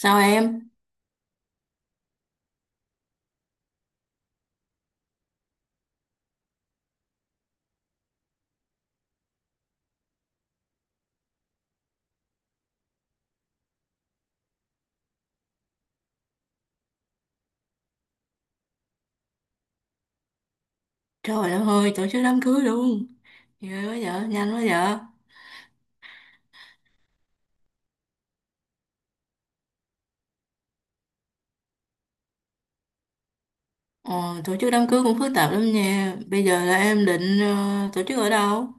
Sao em? Trời đất ơi, tổ chức đám cưới luôn. Ghê quá vợ, nhanh quá vợ. Ờ, Tổ chức đám cưới cũng phức tạp lắm nha. Bây giờ là em định tổ chức ở đâu?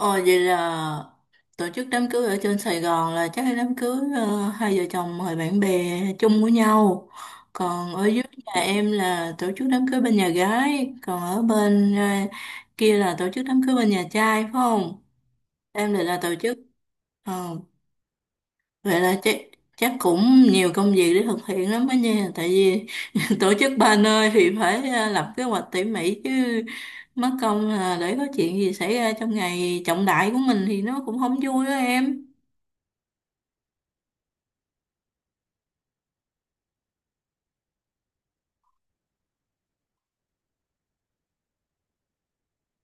Ờ, Vậy là tổ chức đám cưới ở trên Sài Gòn là chắc là đám cưới hai vợ chồng mời bạn bè chung của nhau. Còn ở dưới nhà em là tổ chức đám cưới bên nhà gái. Còn ở bên kia là tổ chức đám cưới bên nhà trai phải không? Em định là tổ chức. Ờ, Vậy là chắc chắc cũng nhiều công việc để thực hiện lắm đó nha, tại vì tổ chức ba nơi thì phải lập kế hoạch tỉ mỉ chứ, mất công là để có chuyện gì xảy ra trong ngày trọng đại của mình thì nó cũng không vui đó em.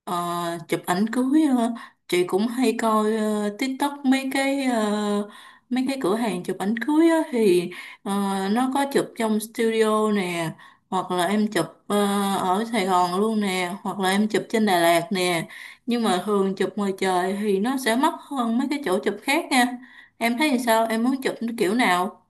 Ờ, Chụp ảnh cưới chị cũng hay coi TikTok mấy cái mấy cái cửa hàng chụp ảnh cưới á, thì ờ, nó có chụp trong studio nè, hoặc là em chụp ở Sài Gòn luôn nè, hoặc là em chụp trên Đà Lạt nè, nhưng mà thường chụp ngoài trời thì nó sẽ mắc hơn mấy cái chỗ chụp khác nha. Em thấy thì sao, em muốn chụp kiểu nào?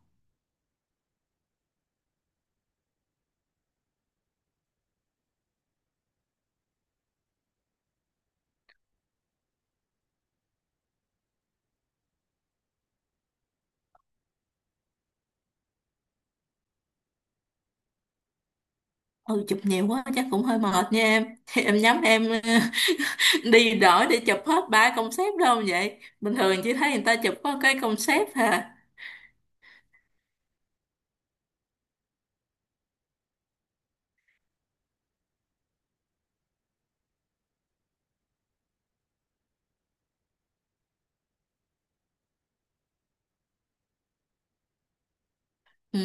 Ừ, chụp nhiều quá chắc cũng hơi mệt nha em. Em nhắm em đi đổi để chụp hết ba concept đâu? Vậy bình thường chị thấy người ta chụp có cái concept hà. Ừ,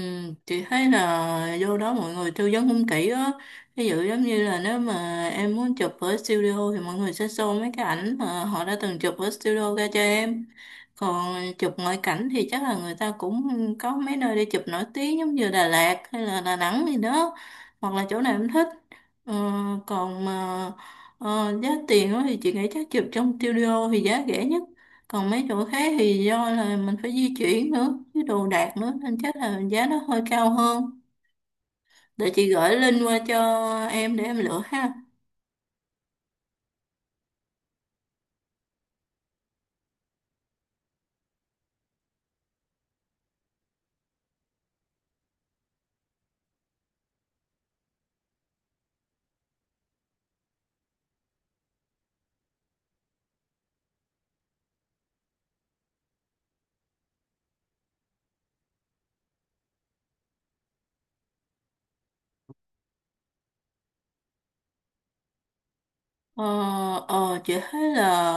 chị thấy là vô đó mọi người tư vấn cũng kỹ á, ví dụ giống như là nếu mà em muốn chụp ở studio thì mọi người sẽ show mấy cái ảnh mà họ đã từng chụp ở studio ra cho em, còn chụp ngoại cảnh thì chắc là người ta cũng có mấy nơi đi chụp nổi tiếng giống như Đà Lạt hay là Đà Nẵng gì đó, hoặc là chỗ nào em thích. Ờ, Còn mà giá tiền á thì chị nghĩ chắc chụp trong studio thì giá rẻ nhất, còn mấy chỗ khác thì do là mình phải di chuyển nữa với đồ đạc nữa nên chắc là giá nó hơi cao hơn. Để chị gửi link qua cho em để em lựa ha. Ờ, chị thấy là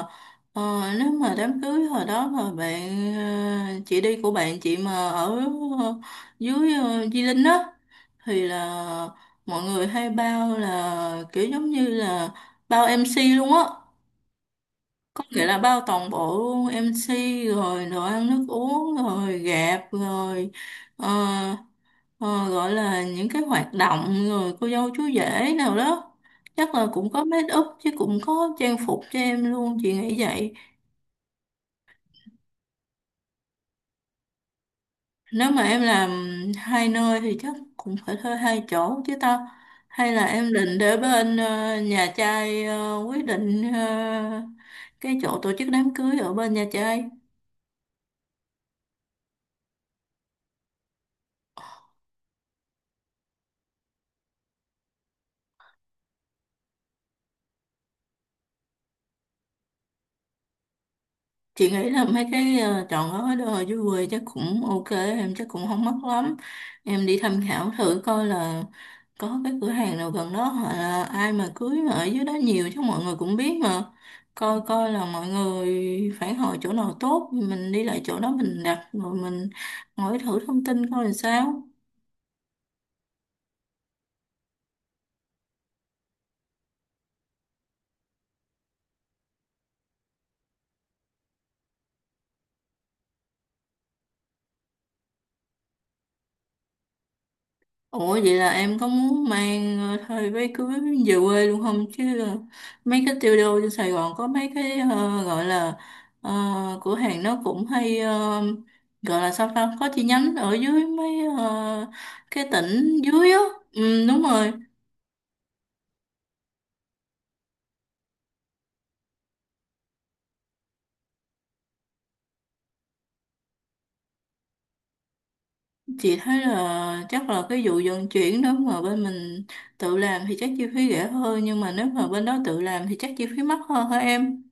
ờ, nếu mà đám cưới hồi đó mà bạn chị đi của bạn chị mà ở ờ, dưới Di Linh á, thì là mọi người hay bao là kiểu giống như là bao MC luôn á. Vậy là bao toàn bộ luôn MC, rồi đồ ăn nước uống rồi gạp rồi ờ, ờ, gọi là những cái hoạt động rồi cô dâu chú rể nào đó, chắc là cũng có make up chứ, cũng có trang phục cho em luôn, chị nghĩ vậy. Nếu mà em làm hai nơi thì chắc cũng phải thuê hai chỗ chứ tao. Hay là em định để bên nhà trai quyết định cái chỗ tổ chức đám cưới ở bên nhà trai? Chị nghĩ là mấy cái chọn gói đồ dưới quê chắc cũng ok em, chắc cũng không mắc lắm. Em đi tham khảo thử coi là có cái cửa hàng nào gần đó, hoặc là ai mà cưới mà ở dưới đó nhiều chứ mọi người cũng biết mà, coi coi là mọi người phản hồi chỗ nào tốt thì mình đi lại chỗ đó mình đặt, rồi mình hỏi thử thông tin coi là sao. Ủa vậy là em có muốn mang thời váy cưới về quê luôn không? Chứ mấy cái tiêu đô trên Sài Gòn có mấy cái gọi là ờ, cửa hàng nó cũng hay gọi là sao ta, có chi nhánh ở dưới mấy ờ, cái tỉnh dưới á. Ừ, đúng rồi. Chị thấy là chắc là cái vụ vận chuyển đó mà bên mình tự làm thì chắc chi phí rẻ hơn, nhưng mà nếu mà bên đó tự làm thì chắc chi phí mắc hơn hả em?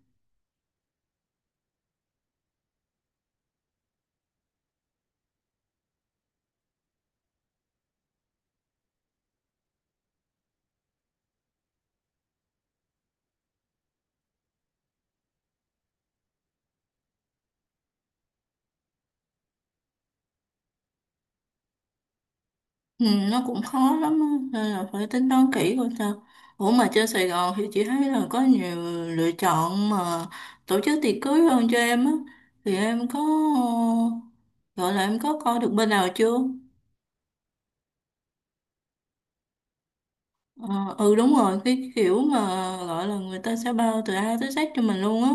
Ừ, nó cũng khó lắm á, nên là phải tính toán kỹ coi sao. Ủa mà trên Sài Gòn thì chị thấy là có nhiều lựa chọn mà tổ chức tiệc cưới hơn cho em á. Thì em có ờ, gọi là em có coi được bên nào chưa? Ờ, ừ, đúng rồi, cái kiểu mà gọi là người ta sẽ bao từ A tới Z cho mình luôn á,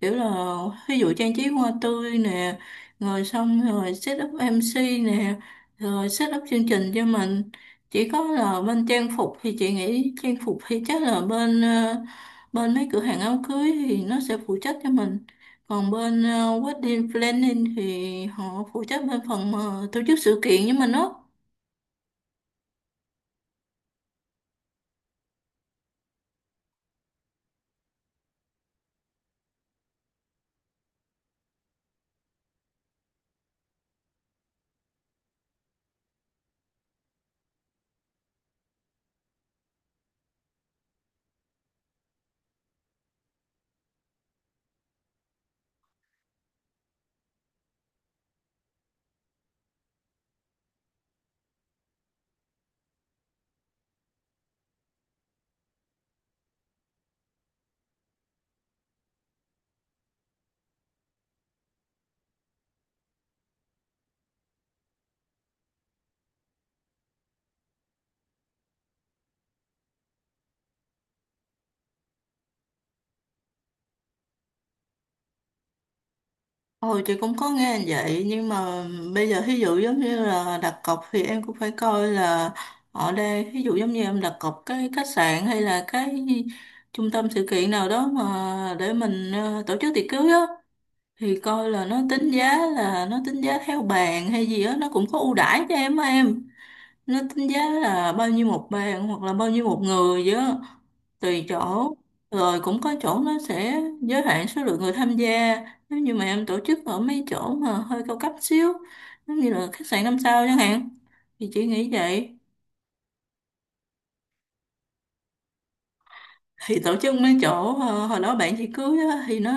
kiểu là ví dụ trang trí hoa tươi nè, rồi xong rồi set up MC nè, rồi set up chương trình cho mình. Chỉ có là bên trang phục thì chị nghĩ trang phục thì chắc là bên bên mấy cửa hàng áo cưới thì nó sẽ phụ trách cho mình, còn bên wedding planning thì họ phụ trách bên phần mà tổ chức sự kiện với mình á. Ồ, chị cũng có nghe vậy, nhưng mà bây giờ ví dụ giống như là đặt cọc thì em cũng phải coi là ở đây ví dụ giống như em đặt cọc cái khách sạn hay là cái trung tâm sự kiện nào đó mà để mình tổ chức tiệc cưới á, thì coi là nó tính giá, là nó tính giá theo bàn hay gì á, nó cũng có ưu đãi cho em á em. Nó tính giá là bao nhiêu một bàn, hoặc là bao nhiêu một người vậy á, tùy chỗ. Rồi cũng có chỗ nó sẽ giới hạn số lượng người tham gia, nếu như mà em tổ chức ở mấy chỗ mà hơi cao cấp xíu, giống như là khách sạn năm sao chẳng hạn, thì chị nghĩ vậy. Thì tổ chức mấy chỗ hồi đó bạn chị cưới á, thì nó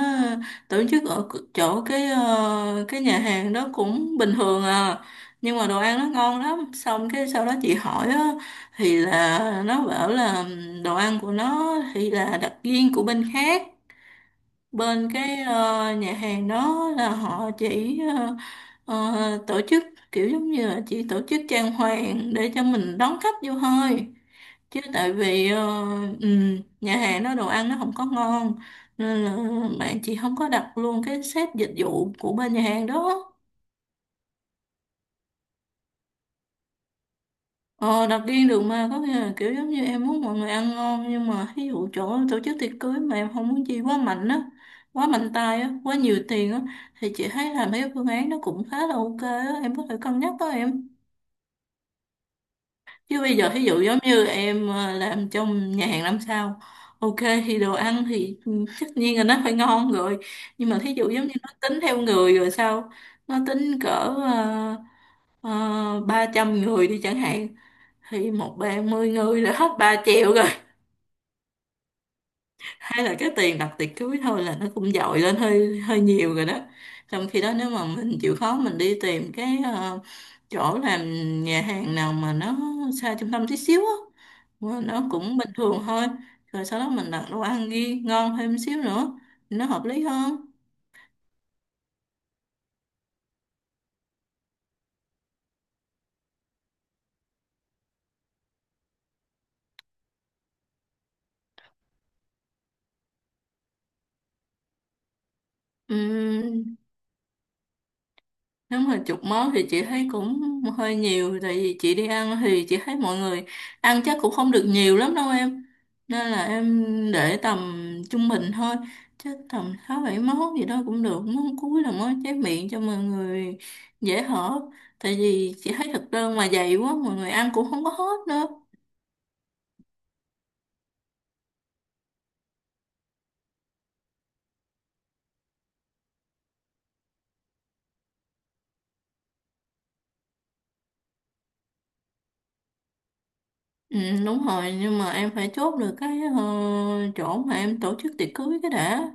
tổ chức ở chỗ cái cái nhà hàng đó cũng bình thường à, nhưng mà đồ ăn nó ngon lắm, xong cái sau đó chị hỏi á, thì là nó bảo là đồ ăn của nó thì là đặc viên của bên khác. Bên cái nhà hàng đó là họ chỉ tổ chức kiểu giống như là chỉ tổ chức trang hoàng để cho mình đón khách vô thôi. Chứ tại vì nhà hàng đó đồ ăn nó không có ngon, nên là bạn chị không có đặt luôn cái set dịch vụ của bên nhà hàng đó. Ờ, đặt riêng được mà, có nghĩa là kiểu giống như em muốn mọi người ăn ngon, nhưng mà ví dụ chỗ tổ chức tiệc cưới mà em không muốn chi quá mạnh á, quá mạnh tay á, quá nhiều tiền á, thì chị thấy là mấy cái phương án nó cũng khá là ok á, em có thể cân nhắc đó em. Chứ bây giờ ví dụ giống như em làm trong nhà hàng năm sao, ok, thì đồ ăn thì ừ, tất nhiên là nó phải ngon rồi, nhưng mà thí dụ giống như nó tính theo người rồi sao, nó tính cỡ ba trăm người đi chẳng hạn, thì một ba mươi người là hết 3 triệu rồi, hay là cái tiền đặt tiệc cưới thôi là nó cũng dội lên hơi hơi nhiều rồi đó. Trong khi đó nếu mà mình chịu khó mình đi tìm cái chỗ làm nhà hàng nào mà nó xa trung tâm tí xíu á, mà nó cũng bình thường thôi, rồi sau đó mình đặt đồ ăn ghi ngon thêm xíu nữa, nó hợp lý hơn. Nếu mà chục món thì chị thấy cũng hơi nhiều, tại vì chị đi ăn thì chị thấy mọi người ăn chắc cũng không được nhiều lắm đâu em, nên là em để tầm trung bình thôi, chắc tầm sáu bảy món gì đó cũng được, món cuối là món trái miệng cho mọi người dễ hở, tại vì chị thấy thực đơn mà dày quá mọi người ăn cũng không có hết nữa. Ừ, đúng rồi, nhưng mà em phải chốt được cái chỗ mà em tổ chức tiệc cưới cái đã,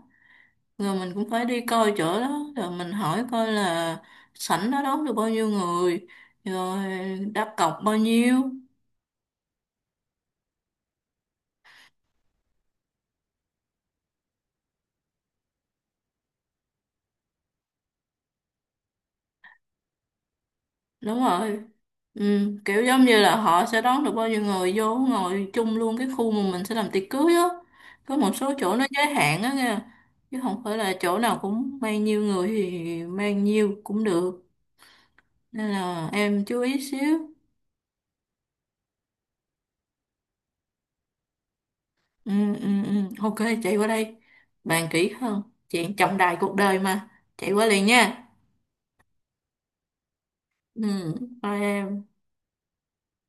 rồi mình cũng phải đi coi chỗ đó rồi mình hỏi coi là sảnh đó đón được bao nhiêu người, rồi đặt cọc bao nhiêu. Đúng rồi. Ừ, kiểu giống như là họ sẽ đón được bao nhiêu người vô ngồi chung luôn cái khu mà mình sẽ làm tiệc cưới á, có một số chỗ nó giới hạn á nha, chứ không phải là chỗ nào cũng mang nhiêu người thì mang nhiêu cũng được, nên là em chú ý xíu. Ừ, ừ, ừ. Ok, chạy qua đây bàn kỹ hơn, chuyện trọng đại cuộc đời mà. Chạy qua liền nha. Ừ, thôi em.